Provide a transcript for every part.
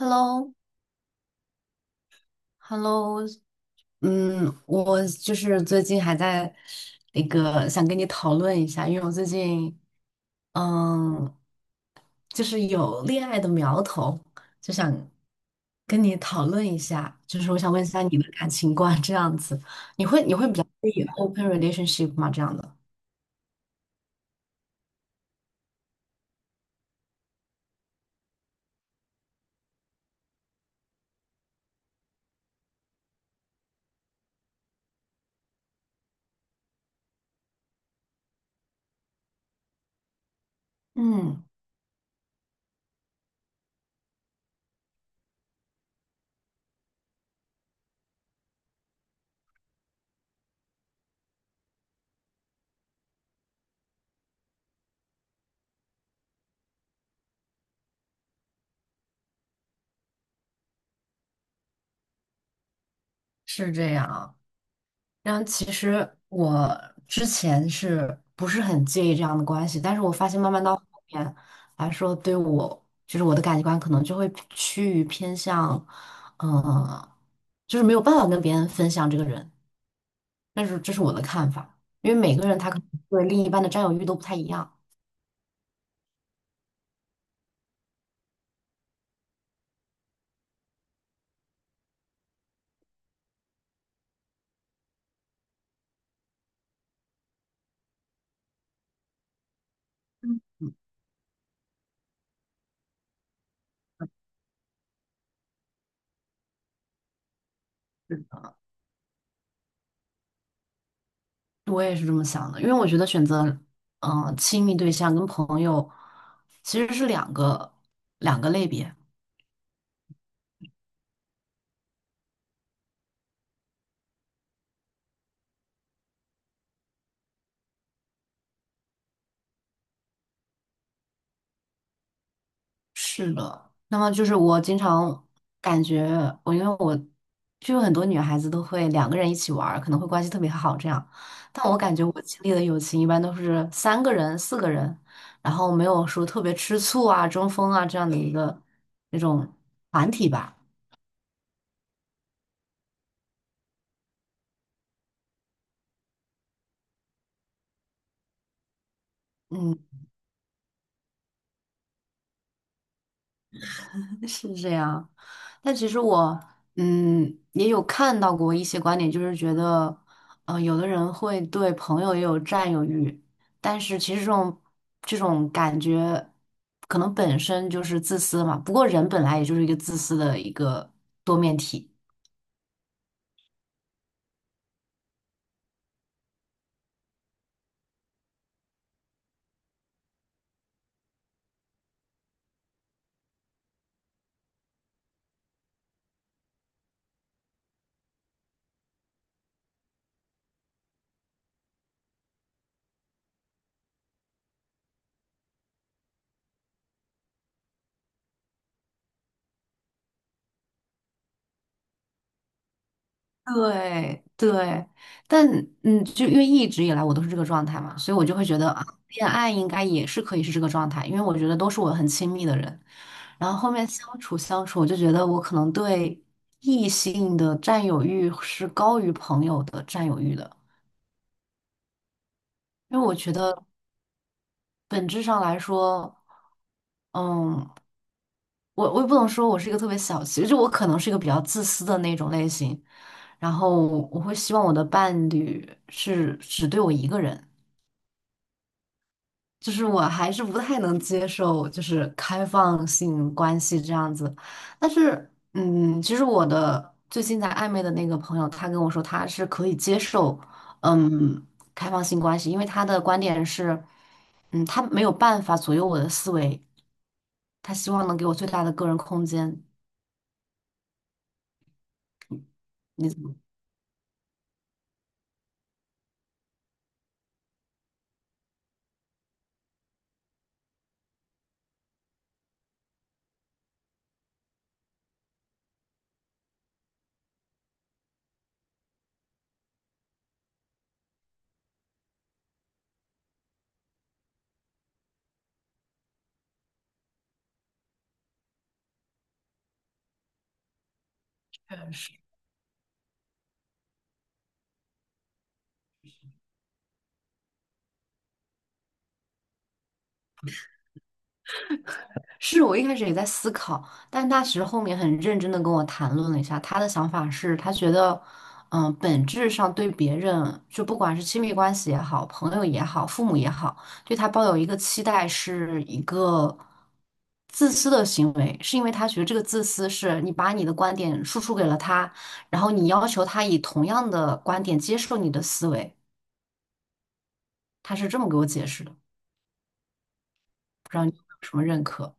Hello，Hello，嗯，我就是最近还在那个想跟你讨论一下，因为我最近嗯，就是有恋爱的苗头，就想跟你讨论一下，就是我想问一下你的感情观这样子，可以 open relationship 吗？这样的，嗯，是这样。啊。然后其实我之前是不是很介意这样的关系，但是我发现慢慢到后面来说，对我就是我的感情观可能就会趋于偏向，嗯、就是没有办法跟别人分享这个人，但是这是我的看法，因为每个人他可能对另一半的占有欲都不太一样。嗯，我也是这么想的，因为我觉得选择，亲密对象跟朋友其实是两个类别。是的，那么就是我经常感觉我，因为我就有很多女孩子都会两个人一起玩儿，可能会关系特别好这样，但我感觉我经历的友情一般都是三个人、四个人，然后没有说特别吃醋啊、争锋啊这样的一个那种团体吧。嗯。是这样，但其实我也有看到过一些观点，就是觉得，有的人会对朋友也有占有欲，但是其实这种感觉可能本身就是自私嘛。不过人本来也就是一个自私的一个多面体。对对，但就因为一直以来我都是这个状态嘛，所以我就会觉得啊，恋爱应该也是可以是这个状态，因为我觉得都是我很亲密的人，然后后面相处相处，我就觉得我可能对异性的占有欲是高于朋友的占有欲的，因为我觉得本质上来说，嗯，我也不能说我是一个特别小气，就我可能是一个比较自私的那种类型，然后我会希望我的伴侣是只对我一个人。就是我还是不太能接受，就是开放性关系这样子。但是，其实我的最近在暧昧的那个朋友，他跟我说他是可以接受，嗯，开放性关系，因为他的观点是，他没有办法左右我的思维，他希望能给我最大的个人空间。你是我一开始也在思考，但他其实后面很认真的跟我谈论了一下，他的想法是，他觉得，本质上对别人，就不管是亲密关系也好，朋友也好，父母也好，对他抱有一个期待，是一个自私的行为，是因为他觉得这个自私是你把你的观点输出给了他，然后你要求他以同样的观点接受你的思维，他是这么给我解释的，什么认可，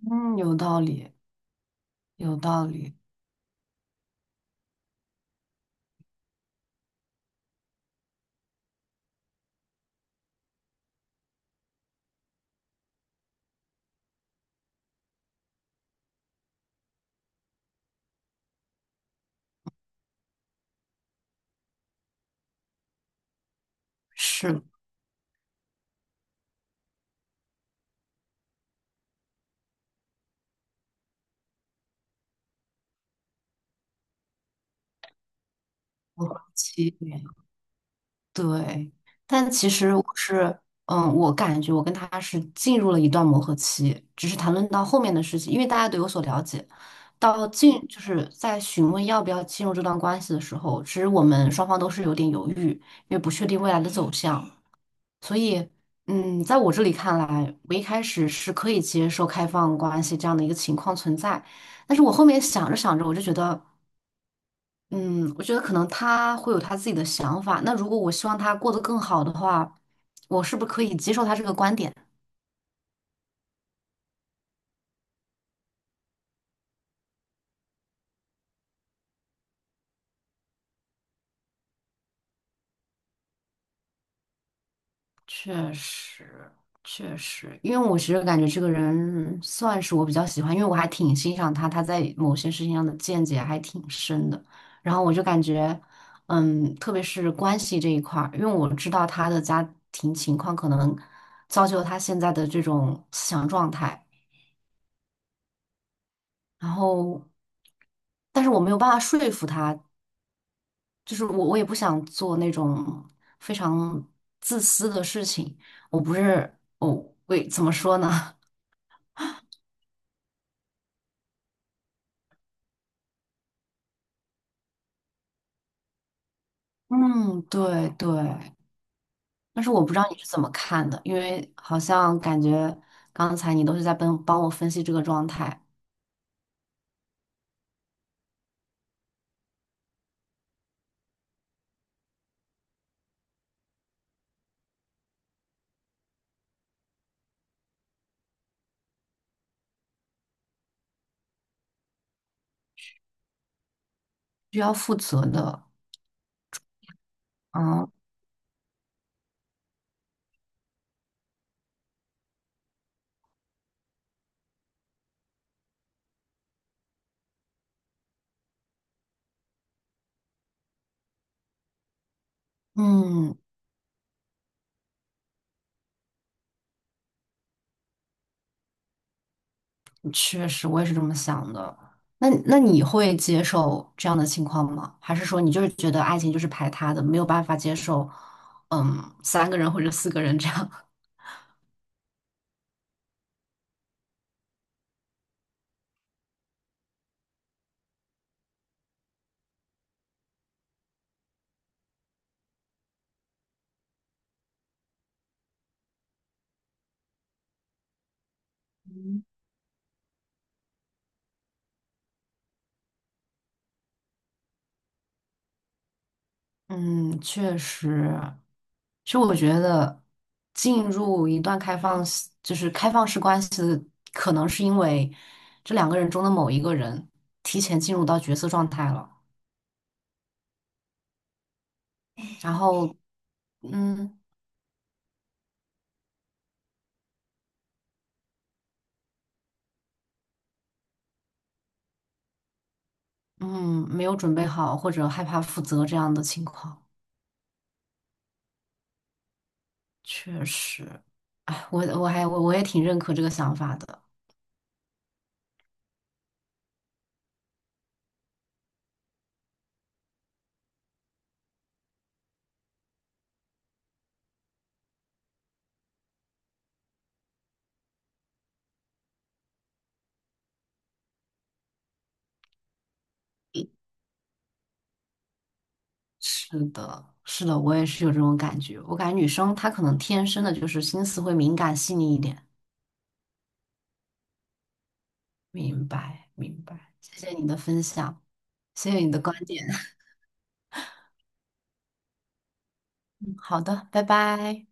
嗯，有道理，有道理，是。磨合期对，但其实我是，我感觉我跟他是进入了一段磨合期，只是谈论到后面的事情，因为大家都有所了解，到进就是在询问要不要进入这段关系的时候，其实我们双方都是有点犹豫，因为不确定未来的走向，所以，在我这里看来，我一开始是可以接受开放关系这样的一个情况存在，但是我后面想着想着，我就觉得。嗯，我觉得可能他会有他自己的想法。那如果我希望他过得更好的话，我是不是可以接受他这个观点？确实，确实，因为我其实感觉这个人算是我比较喜欢，因为我还挺欣赏他，他在某些事情上的见解还挺深的。然后我就感觉，特别是关系这一块儿，因为我知道他的家庭情况可能造就了他现在的这种思想状态，然后。但是我没有办法说服他，就是我也不想做那种非常自私的事情。我不是，哦，喂，怎么说呢？嗯，对对。但是我不知道你是怎么看的，因为好像感觉刚才你都是在帮帮我分析这个状态，需要负责的。嗯嗯，确实，我也是这么想的。那你会接受这样的情况吗？还是说你就是觉得爱情就是排他的，没有办法接受，三个人或者四个人这样？嗯，确实，其实我觉得进入一段开放式就是开放式关系的可能是因为这两个人中的某一个人提前进入到角色状态了，然后嗯嗯，没有准备好或者害怕负责这样的情况，确实，哎，我我还我我也挺认可这个想法的，是的，是的，我也是有这种感觉，我感觉女生她可能天生的就是心思会敏感细腻一点。明白，明白，谢谢你的分享，谢谢你的观点。嗯好的，拜拜。